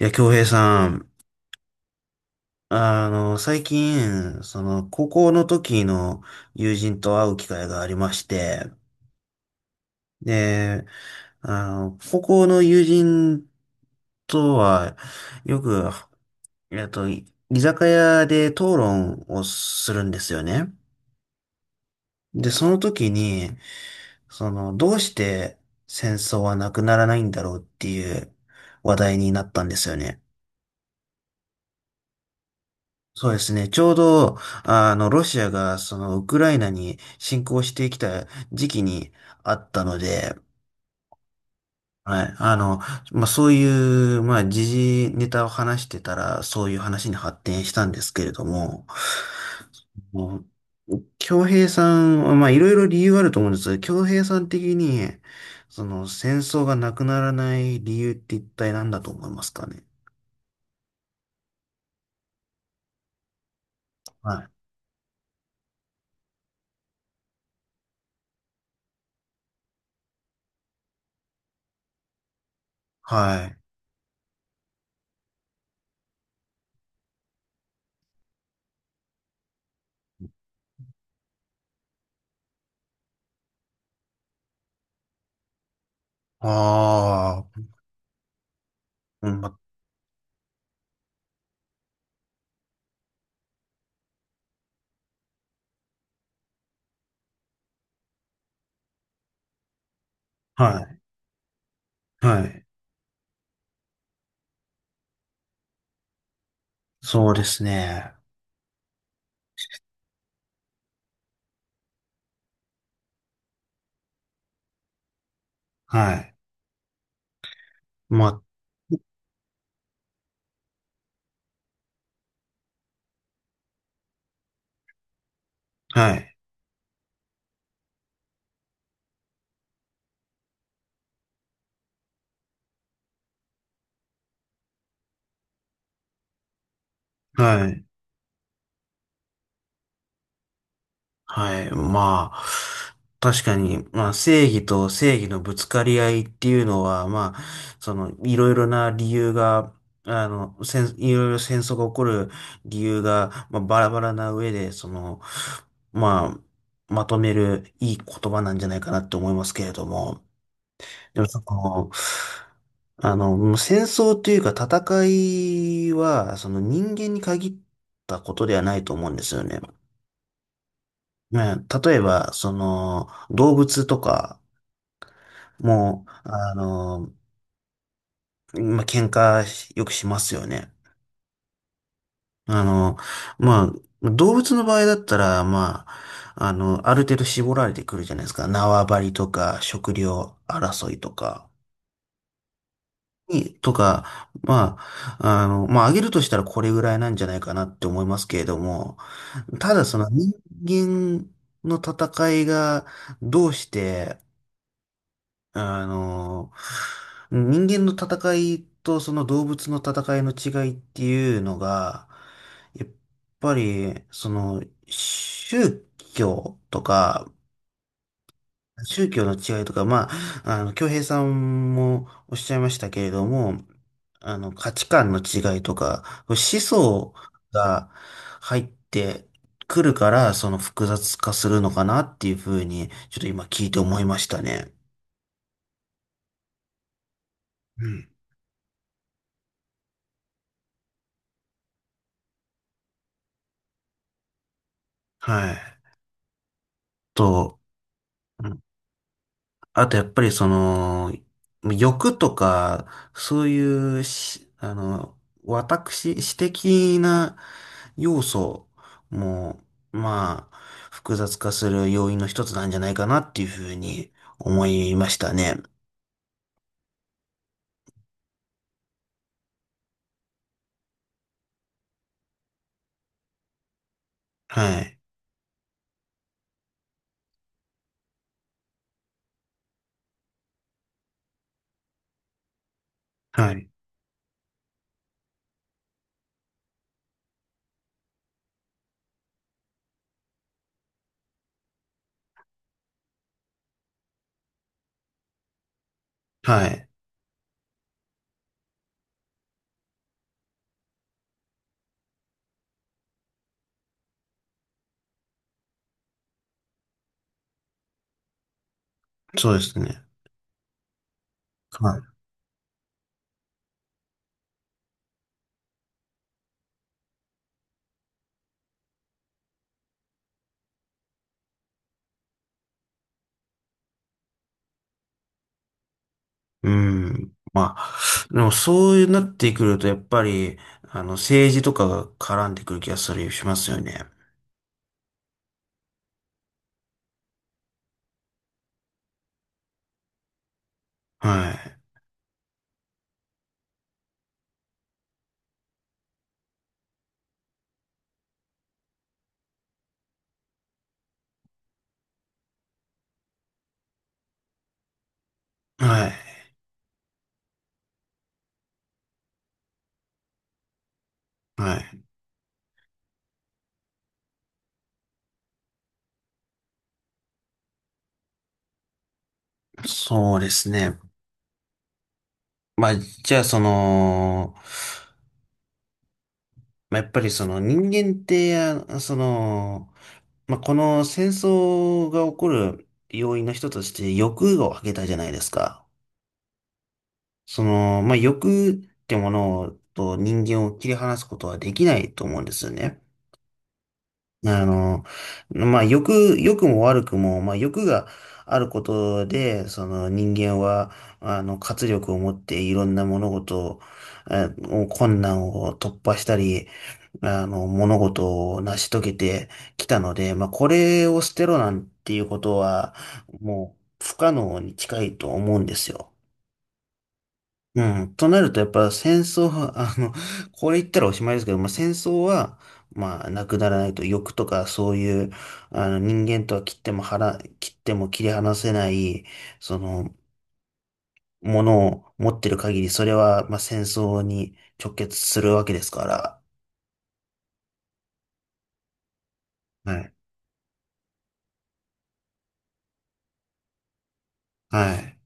いや、京平さん、最近、高校の時の友人と会う機会がありまして、で、あの、高校の友人とは、よく、えっと、い居酒屋で討論をするんですよね。で、その時に、どうして戦争はなくならないんだろうっていう話題になったんですよね。そうですね。ちょうど、ロシアが、ウクライナに侵攻してきた時期にあったので、はい。あの、まあ、そういう、まあ、時事ネタを話してたら、そういう話に発展したんですけれども、もう、京平さんは、まあ、いろいろ理由あると思うんですけど、京平さん的に、戦争がなくならない理由って一体何だと思いますかね。はい。はい。ああ、うん、まはい。はい。そうですね。はい。まあ、はい。はい。はい。まあ、確かに、まあ、正義と正義のぶつかり合いっていうのは、まあ、いろいろな理由が、いろいろ戦争が起こる理由が、まあ、バラバラな上で、ままとめるいい言葉なんじゃないかなって思いますけれども。でもその、もう戦争というか戦いは、その人間に限ったことではないと思うんですよね。まあ、例えば、動物とかも、喧嘩よくしますよね。あの、ま動物の場合だったら、ある程度絞られてくるじゃないですか。縄張りとか、食料争いとか。に、とか、まあ、あの、まあ、上げるとしたらこれぐらいなんじゃないかなって思いますけれども、ただその人間の戦いがどうして、あの、人間の戦いとその動物の戦いの違いっていうのが、やっぱり、宗教とか、宗教の違いとか、京平さんもおっしゃいましたけれども、価値観の違いとか、思想が入ってくるから、その複雑化するのかなっていうふうに、ちょっと今聞いて思いましたね。うん。はい。と、うんあとやっぱりその、欲とか、そういうし、あの、私的な要素も、まあ、複雑化する要因の一つなんじゃないかなっていうふうに思いましたね。はい。はい。はい。そうですね。はい。うん。まあ、でもそういうなってくると、やっぱり、政治とかが絡んでくる気がする、しますよね。はい。はい。はい。そうですね。まあ、じゃあ、その、まあ、やっぱりその人間って、この戦争が起こる要因の一つとして欲を挙げたじゃないですか。欲ってものと人間を切り離すことはできないと思うんですよね。あの、欲も悪くも、まあ、欲があることで、その人間は、活力を持っていろんな物事を、困難を突破したり、物事を成し遂げてきたので、まあ、これを捨てろなんていうことは、もう不可能に近いと思うんですよ。うん。となると、やっぱ戦争は、これ言ったらおしまいですけど、まあ、戦争は、まあ、なくならないと、欲とかそういう、あの、人間とは切っても切り離せない、その、ものを持ってる限り、それは、まあ、戦争に直結するわけですから。はい。はい。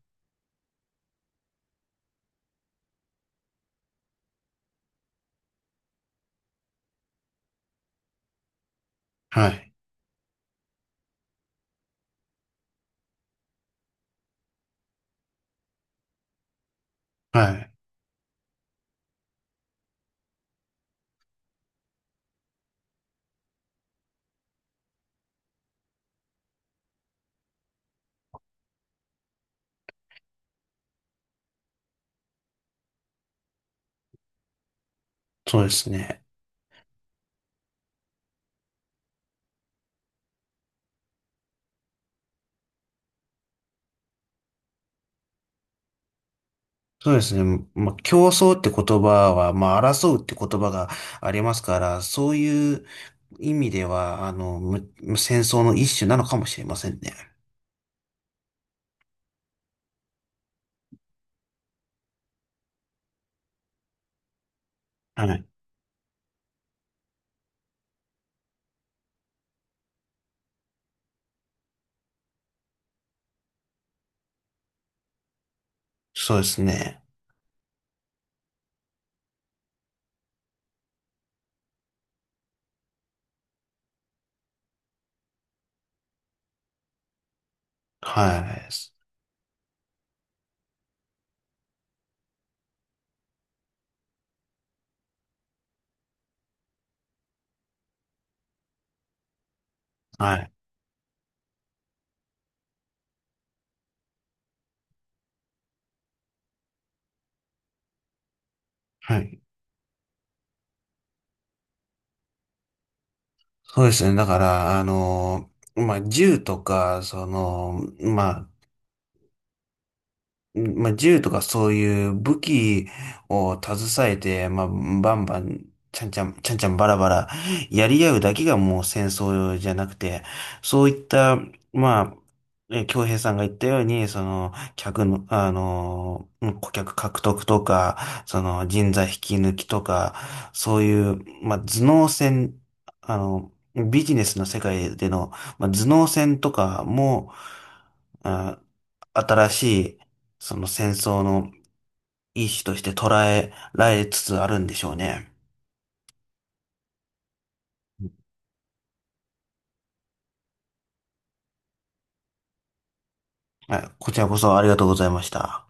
はい。はい。そうですね。そうですね。まあ、競争って言葉は、まあ、争うって言葉がありますから、そういう意味では、戦争の一種なのかもしれませんね。はい。そうですね。はい。はい。はい。そうですね。だから、あの、まあ、銃とか、その、まあ、うんまあ、銃とかそういう武器を携えて、まあ、バンバン、ちゃんちゃんバラバラ、やり合うだけがもう戦争じゃなくて、そういった、まあ、京平さんが言ったように、その、客の、あの、顧客獲得とか、人材引き抜きとか、そういう、まあ、頭脳戦、あの、ビジネスの世界での、まあ、頭脳戦とかも、あ新しい、その戦争の一種として捉えられつつあるんでしょうね。はい、こちらこそありがとうございました。